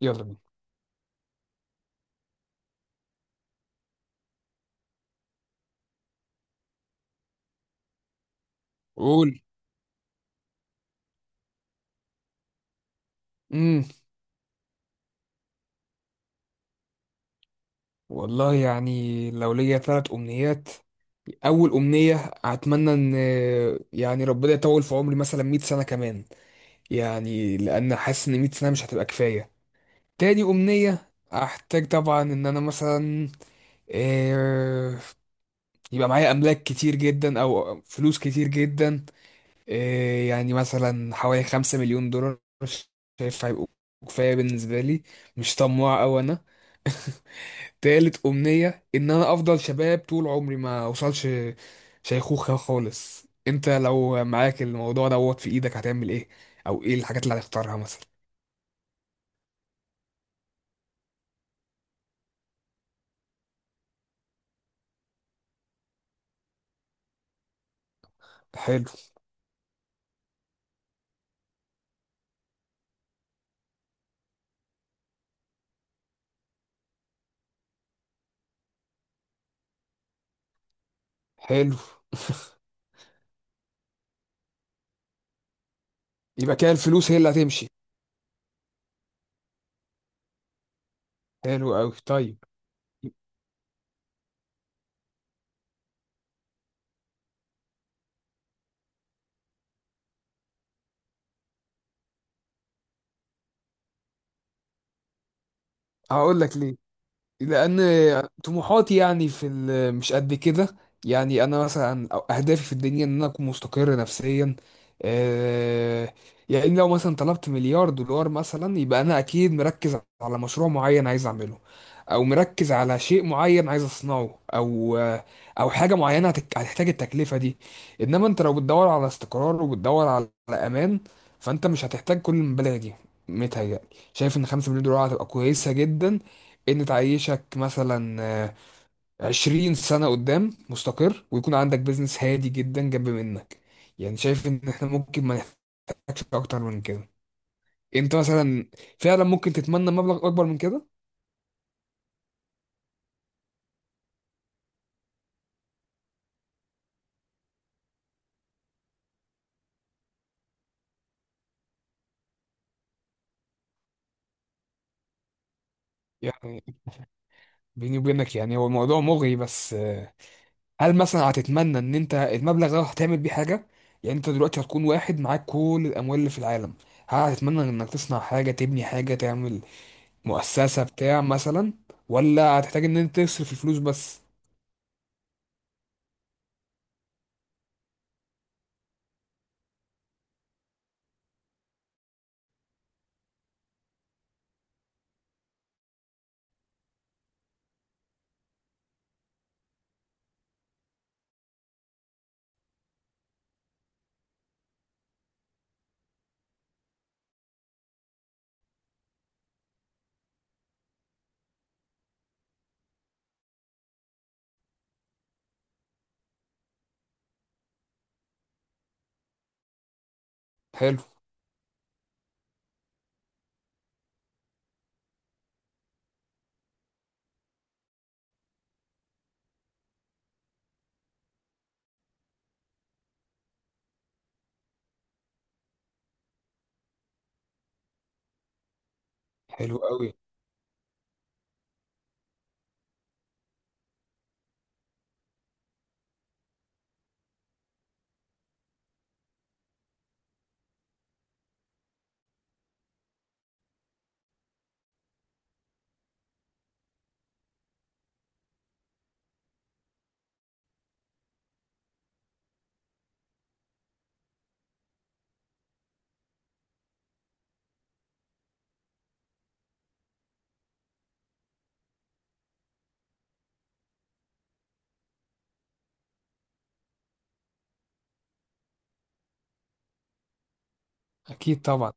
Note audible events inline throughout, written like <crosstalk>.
يلا بينا. قول. امم والله يعني لو ليا ثلاث امنيات. اول امنيه، اتمنى ان يعني ربنا يطول في عمري مثلا 100 سنه كمان، يعني لان حاسس ان 100 سنه مش هتبقى كفايه. تاني امنيه، احتاج طبعا ان انا مثلا، آه، يبقى معايا املاك كتير جدا او فلوس كتير جدا. يعني مثلا حوالي 5 مليون دولار، شايف هيبقوا كفايه بالنسبه لي، مش طماع أوي انا. تالت أمنية إن أنا أفضل شباب طول عمري، ما أوصلش شيخوخة خالص. أنت لو معاك الموضوع دوت في إيدك هتعمل إيه؟ أو إيه الحاجات اللي هتختارها مثلا؟ حلو. حلو. يبقى كده الفلوس هي اللي هتمشي. حلو أوي، طيب. هقول لك ليه. لان طموحاتي يعني في مش قد كده. يعني انا مثلا اهدافي في الدنيا ان انا اكون مستقر نفسيا. آه، يعني لو مثلا طلبت مليار دولار مثلا، يبقى انا اكيد مركز على مشروع معين عايز اعمله، او مركز على شيء معين عايز اصنعه، او حاجه معينه هتحتاج التكلفه دي. انما انت لو بتدور على استقرار وبتدور على امان، فانت مش هتحتاج كل المبالغ دي. متهيألي، شايف ان 5 مليون دولار هتبقى كويسه جدا، ان تعيشك مثلا 20 سنة قدام مستقر، ويكون عندك بيزنس هادي جدا جنب منك. يعني شايف ان احنا ممكن ما نحتاجش اكتر من كده. انت مثلا فعلا ممكن تتمنى مبلغ اكبر من كده. يعني بيني وبينك، يعني هو الموضوع مغري، بس هل مثلا هتتمنى ان انت المبلغ ده هتعمل بيه حاجة؟ يعني انت دلوقتي هتكون واحد معاك كل الاموال اللي في العالم، هل هتتمنى انك تصنع حاجة، تبني حاجة، تعمل مؤسسة بتاع مثلا، ولا هتحتاج ان انت تصرف الفلوس بس؟ حلو. حلو قوي. اكيد طبعا.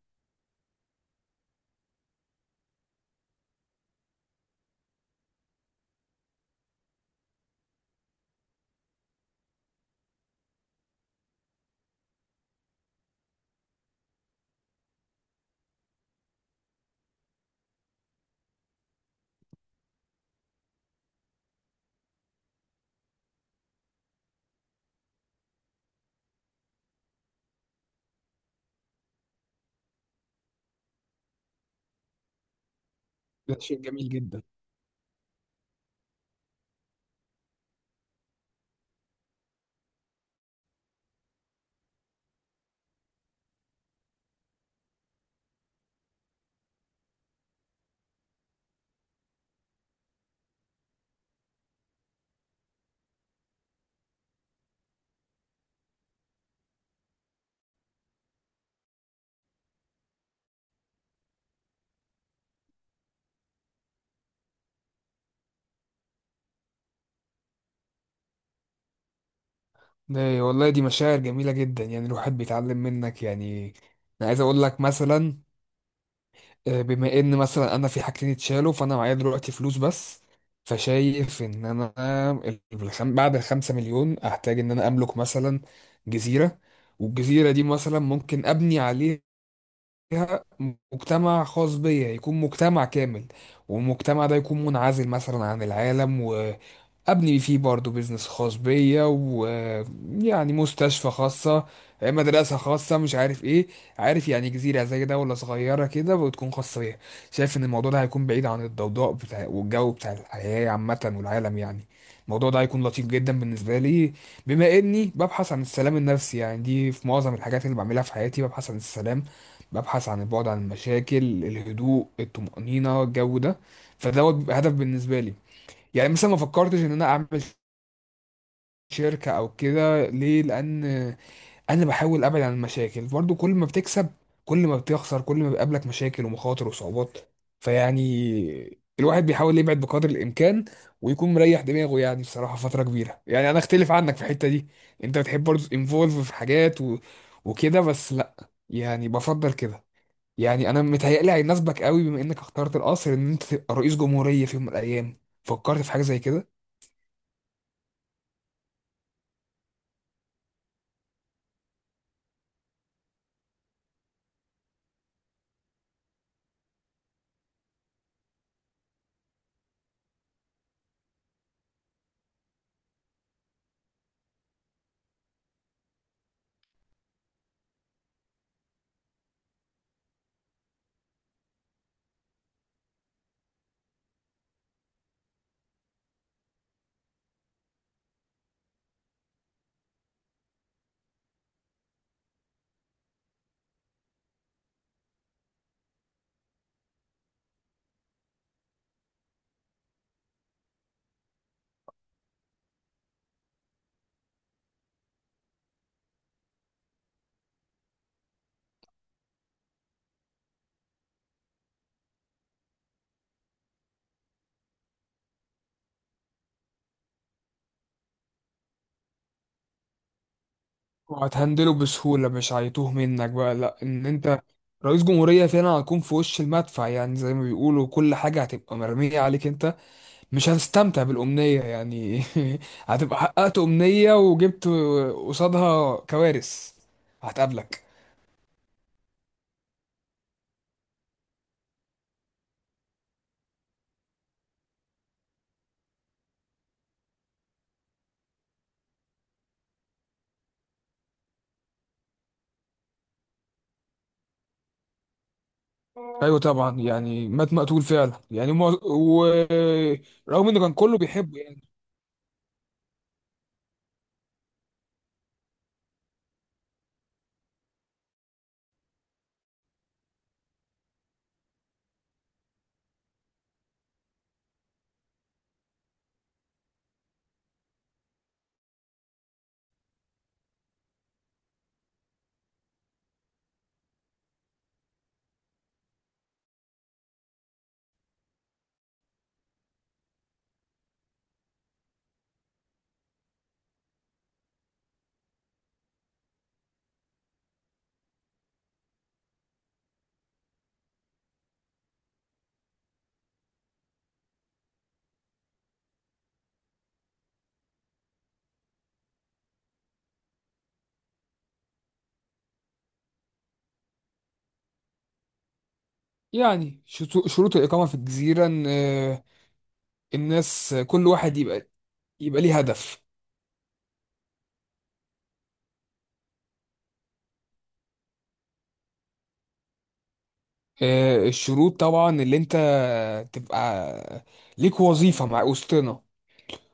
ده شيء جميل جدا. ده والله دي مشاعر جميله جدا، يعني الواحد بيتعلم منك يعني. انا عايز اقول لك مثلا، بما ان مثلا انا في حاجتين اتشالوا، فانا معايا دلوقتي فلوس بس. فشايف ان انا بعد الخمسة مليون احتاج ان انا املك مثلا جزيره، والجزيره دي مثلا ممكن ابني عليه مجتمع خاص بيا، يكون مجتمع كامل. والمجتمع ده يكون منعزل مثلا عن العالم. ابني فيه برضو بيزنس خاص بيا، ويعني مستشفى خاصة، مدرسة خاصة، مش عارف ايه. عارف، يعني جزيرة زي دولة صغيرة كده، وتكون خاصة بيها. شايف ان الموضوع ده هيكون بعيد عن الضوضاء بتاع والجو بتاع الحياة عامة والعالم، يعني الموضوع ده هيكون لطيف جدا بالنسبة لي. بما اني ببحث عن السلام النفسي، يعني دي في معظم الحاجات اللي بعملها في حياتي، ببحث عن السلام، ببحث عن البعد عن المشاكل، الهدوء، الطمأنينة، الجو ده. فدوت بيبقى هدف بالنسبة لي. يعني مثلا ما فكرتش ان انا اعمل شركة او كده ليه؟ لان انا بحاول ابعد عن المشاكل برضو. كل ما بتكسب، كل ما بتخسر، كل ما بيقابلك مشاكل ومخاطر وصعوبات، فيعني الواحد بيحاول يبعد بقدر الامكان ويكون مريح دماغه، يعني بصراحة فترة كبيرة. يعني انا اختلف عنك في الحتة دي. انت بتحب برضو انفولف في حاجات وكده، بس لا، يعني بفضل كده. يعني انا متهيألي هيناسبك قوي، بما انك اخترت القصر، ان انت تبقى رئيس جمهورية في يوم من الايام. فكرت في حاجة زي كده؟ وهتهندله بسهولة، مش هيتوه منك بقى. لا، ان انت رئيس جمهورية فعلا هتكون في وش المدفع، يعني زي ما بيقولوا، كل حاجة هتبقى مرمية عليك انت. مش هتستمتع بالأمنية يعني. <laughs> هتبقى حققت أمنية وجبت قصادها كوارث هتقابلك. ايوه طبعا، يعني مات مقتول فعلا، يعني ما... ورغم انه كان كله بيحبه يعني. يعني شروط الإقامة في الجزيرة ان الناس كل واحد يبقى، يبقى ليه هدف. الشروط طبعا اللي انت تبقى ليك وظيفة مع وسطنا،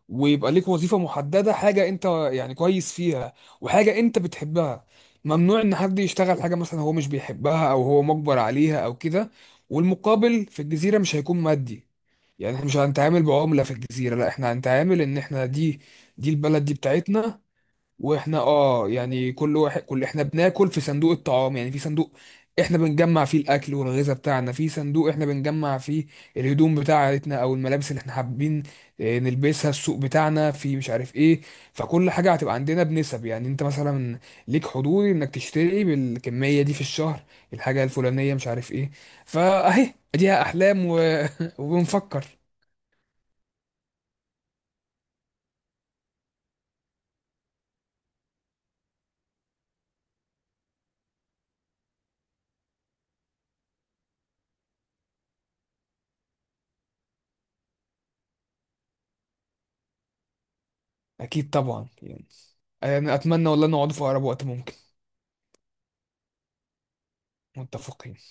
ويبقى ليك وظيفة محددة، حاجة انت يعني كويس فيها، وحاجة انت بتحبها. ممنوع ان حد يشتغل حاجة مثلا هو مش بيحبها او هو مجبر عليها او كده. والمقابل في الجزيرة مش هيكون مادي، يعني احنا مش هنتعامل بعملة في الجزيرة. لا، احنا هنتعامل ان احنا دي البلد دي بتاعتنا، واحنا يعني كل واحد، كل احنا بناكل في صندوق الطعام، يعني في صندوق احنا بنجمع فيه الاكل والغذاء بتاعنا، في صندوق احنا بنجمع فيه الهدوم بتاعتنا او الملابس اللي احنا حابين نلبسها، السوق بتاعنا في مش عارف ايه. فكل حاجة هتبقى عندنا بنسب، يعني انت مثلا ليك حضور انك تشتري بالكمية دي في الشهر الحاجة الفلانية، مش عارف ايه. فاهي اديها احلام <laughs> وبنفكر. اكيد طبعا. يعني انا اتمنى والله نقعد في اقرب وقت ممكن. متفقين.